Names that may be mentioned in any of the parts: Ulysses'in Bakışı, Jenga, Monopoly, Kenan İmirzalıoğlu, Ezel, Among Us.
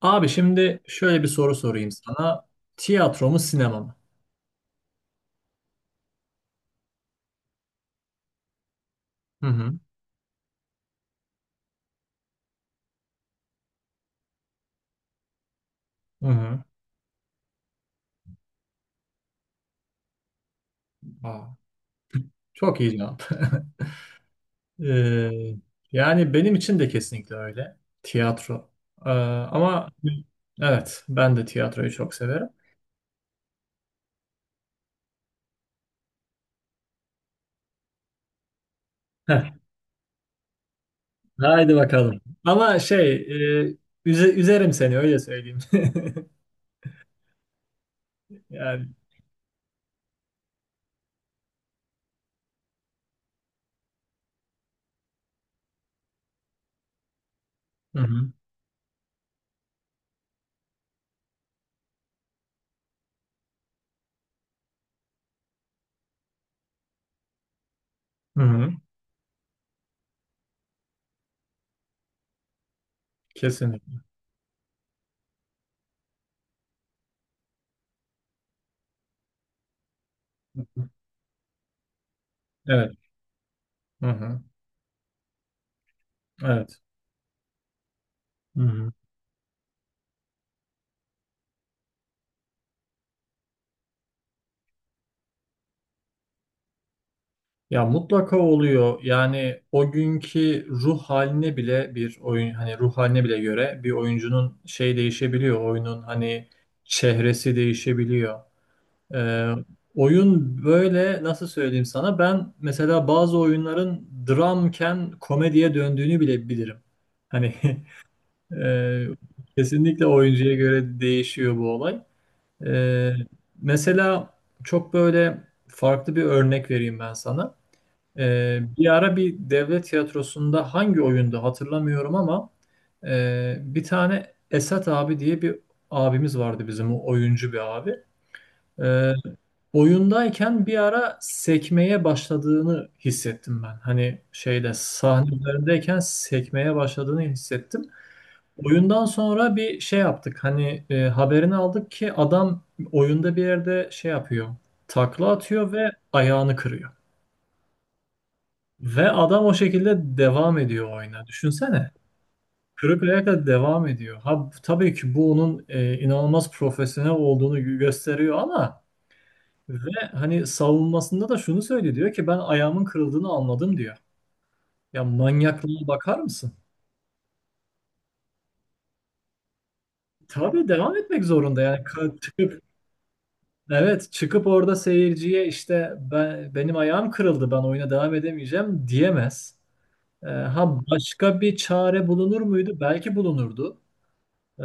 Abi şimdi şöyle bir soru sorayım sana. Tiyatro mu sinema mı? Hı hı. Hı hı. Aa, çok iyi cevap. Ee, yani benim için de kesinlikle öyle. Tiyatro. Ama evet ben de tiyatroyu çok severim. Heh, haydi bakalım. Ama şey üzerim seni öyle söyleyeyim. Yani. Hı hı. Hı hı. Kesinlikle. Evet. Hı hı. Evet. Hı hı. Ya mutlaka oluyor. Yani o günkü ruh haline bile bir oyun hani ruh haline bile göre bir oyuncunun şey değişebiliyor. Oyunun hani çehresi değişebiliyor. Ee, oyun böyle nasıl söyleyeyim sana? Ben mesela bazı oyunların dramken komediye döndüğünü bile bilirim. Hani e, kesinlikle oyuncuya göre değişiyor bu olay. Ee, mesela çok böyle farklı bir örnek vereyim ben sana. Bir ara bir devlet tiyatrosunda hangi oyunda hatırlamıyorum ama bir tane Esat abi diye bir abimiz vardı bizim, o oyuncu bir abi. Ee, oyundayken bir ara sekmeye başladığını hissettim ben. Hani şeyde, sahne üzerindeyken sekmeye başladığını hissettim. Oyundan sonra bir şey yaptık. Hani haberini aldık ki adam oyunda bir yerde şey yapıyor. Takla atıyor ve ayağını kırıyor. Ve adam o şekilde devam ediyor oyuna. Düşünsene. Kırık ayakla devam ediyor. Ha, tabii ki bu onun inanılmaz profesyonel olduğunu gösteriyor ama ve hani savunmasında da şunu söylüyor, diyor ki ben ayağımın kırıldığını anladım diyor. Ya manyaklığa bakar mısın? Tabii devam etmek zorunda yani. Çıkıp, evet, çıkıp orada seyirciye işte ben, benim ayağım kırıldı, ben oyuna devam edemeyeceğim diyemez. Ha başka bir çare bulunur muydu? Belki bulunurdu. Ee,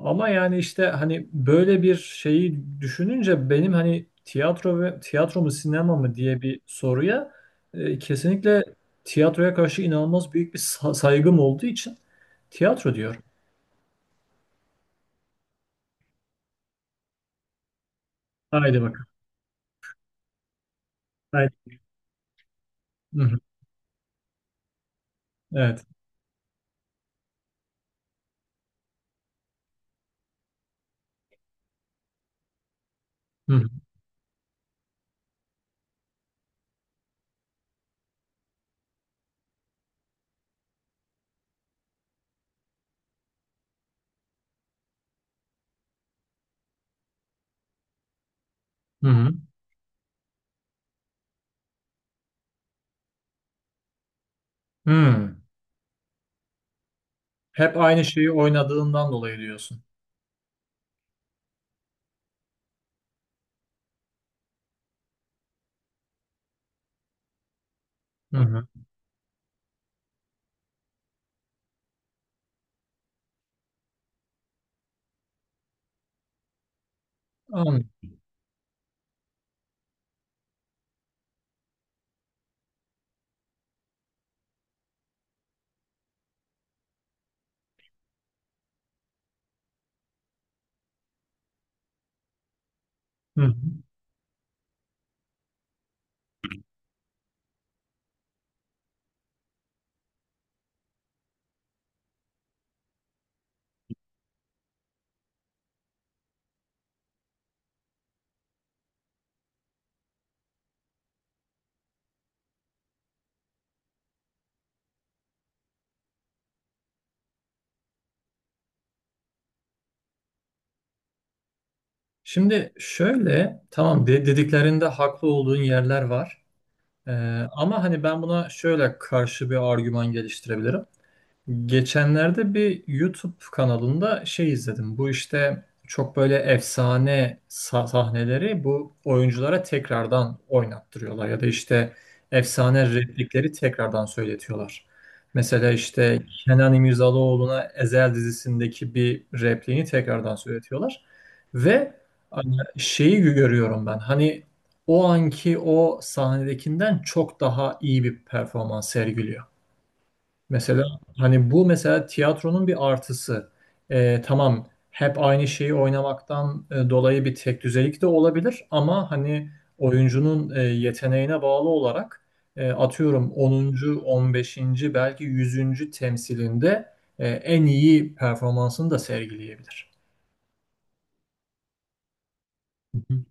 ama yani işte hani böyle bir şeyi düşününce, benim hani tiyatro ve tiyatro mu sinema mı diye bir soruya kesinlikle, tiyatroya karşı inanılmaz büyük bir saygım olduğu için tiyatro diyorum. Haydi bakalım. Haydi. Hı hı. Evet. Hı hı. Hı hı. Hı. Hep aynı şeyi oynadığından dolayı diyorsun. Hı hı. Anladım. Hı hı. Şimdi şöyle, tamam dediklerinde haklı olduğun yerler var. Ee, ama hani ben buna şöyle karşı bir argüman geliştirebilirim. Geçenlerde bir YouTube kanalında şey izledim. Bu işte çok böyle efsane sahneleri bu oyunculara tekrardan oynattırıyorlar ya da işte efsane replikleri tekrardan söyletiyorlar. Mesela işte Kenan İmirzalıoğlu'na Ezel dizisindeki bir repliğini tekrardan söyletiyorlar. Ve hani şeyi görüyorum ben. Hani o anki o sahnedekinden çok daha iyi bir performans sergiliyor. Mesela hani bu mesela tiyatronun bir artısı. Tamam, hep aynı şeyi oynamaktan dolayı bir tek düzelik de olabilir ama hani, oyuncunun yeteneğine bağlı olarak atıyorum onuncu, 15., belki 100. temsilinde en iyi performansını da sergileyebilir. Hı hı.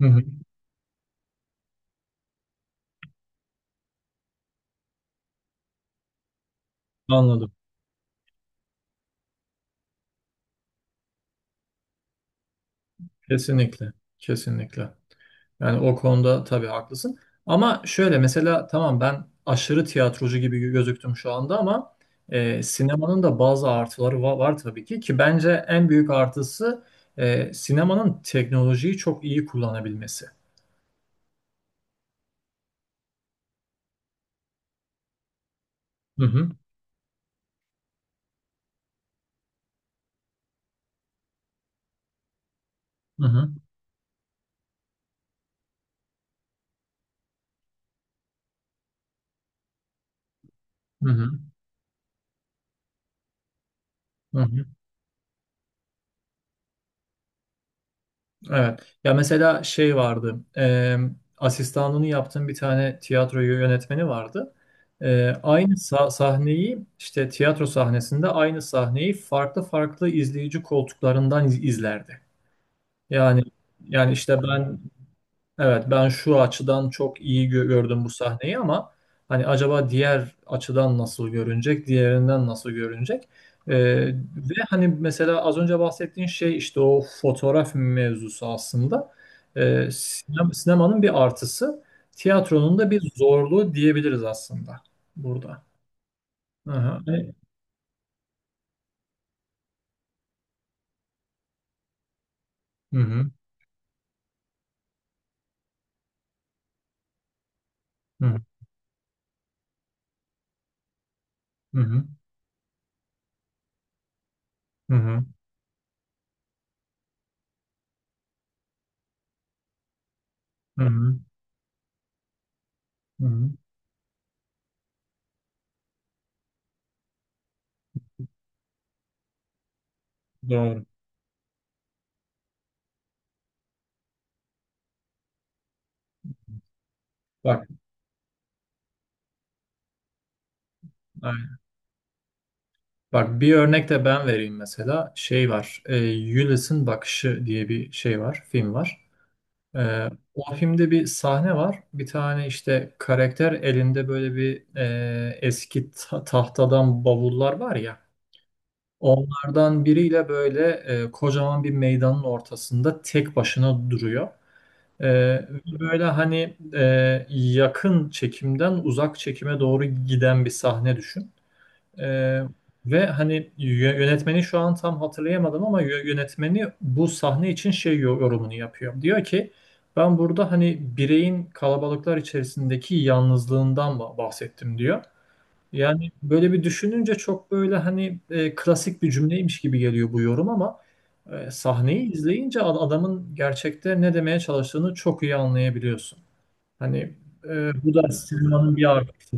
Hı hı. Anladım. Kesinlikle. Kesinlikle. Yani o konuda tabii haklısın. Ama şöyle, mesela tamam, ben aşırı tiyatrocu gibi gözüktüm şu anda ama sinemanın da bazı artıları var, tabii ki bence en büyük artısı sinemanın teknolojiyi çok iyi kullanabilmesi. Hı hı, hı hı, hı hı, hı hı. Evet. Ya mesela şey vardı. Asistanlığını yaptığım bir tane tiyatro yönetmeni vardı. Aynı sahneyi işte, tiyatro sahnesinde aynı sahneyi farklı farklı izleyici koltuklarından izlerdi. Yani yani, işte ben. Evet, ben şu açıdan çok iyi gördüm bu sahneyi ama hani, acaba diğer açıdan nasıl görünecek, diğerinden nasıl görünecek? Ee, ve hani mesela az önce bahsettiğin şey, işte o fotoğraf mevzusu aslında Ee, sinemanın bir artısı, tiyatronun da bir zorluğu diyebiliriz aslında burada. Hı hı. Hani- Hı hı. Hı hı. Hı hı. Hı hı. Hı hı. Doğru. Bak. Bak, bir örnek de ben vereyim mesela. Şey var. Ulysses'in Bakışı diye bir şey var. Film var. E, o filmde bir sahne var. Bir tane işte, karakter elinde böyle bir eski tahtadan bavullar var ya. Onlardan biriyle böyle kocaman bir meydanın ortasında tek başına duruyor. E, ve böyle hani yakın çekimden uzak çekime doğru giden bir sahne düşün. Ee, ve hani yönetmeni şu an tam hatırlayamadım ama yönetmeni bu sahne için şey yorumunu yapıyor. Diyor ki ben burada hani bireyin kalabalıklar içerisindeki yalnızlığından bahsettim diyor. Yani böyle bir düşününce çok böyle hani klasik bir cümleymiş gibi geliyor bu yorum ama sahneyi izleyince adamın gerçekte ne demeye çalıştığını çok iyi anlayabiliyorsun. Hani bu da sinemanın bir artısı.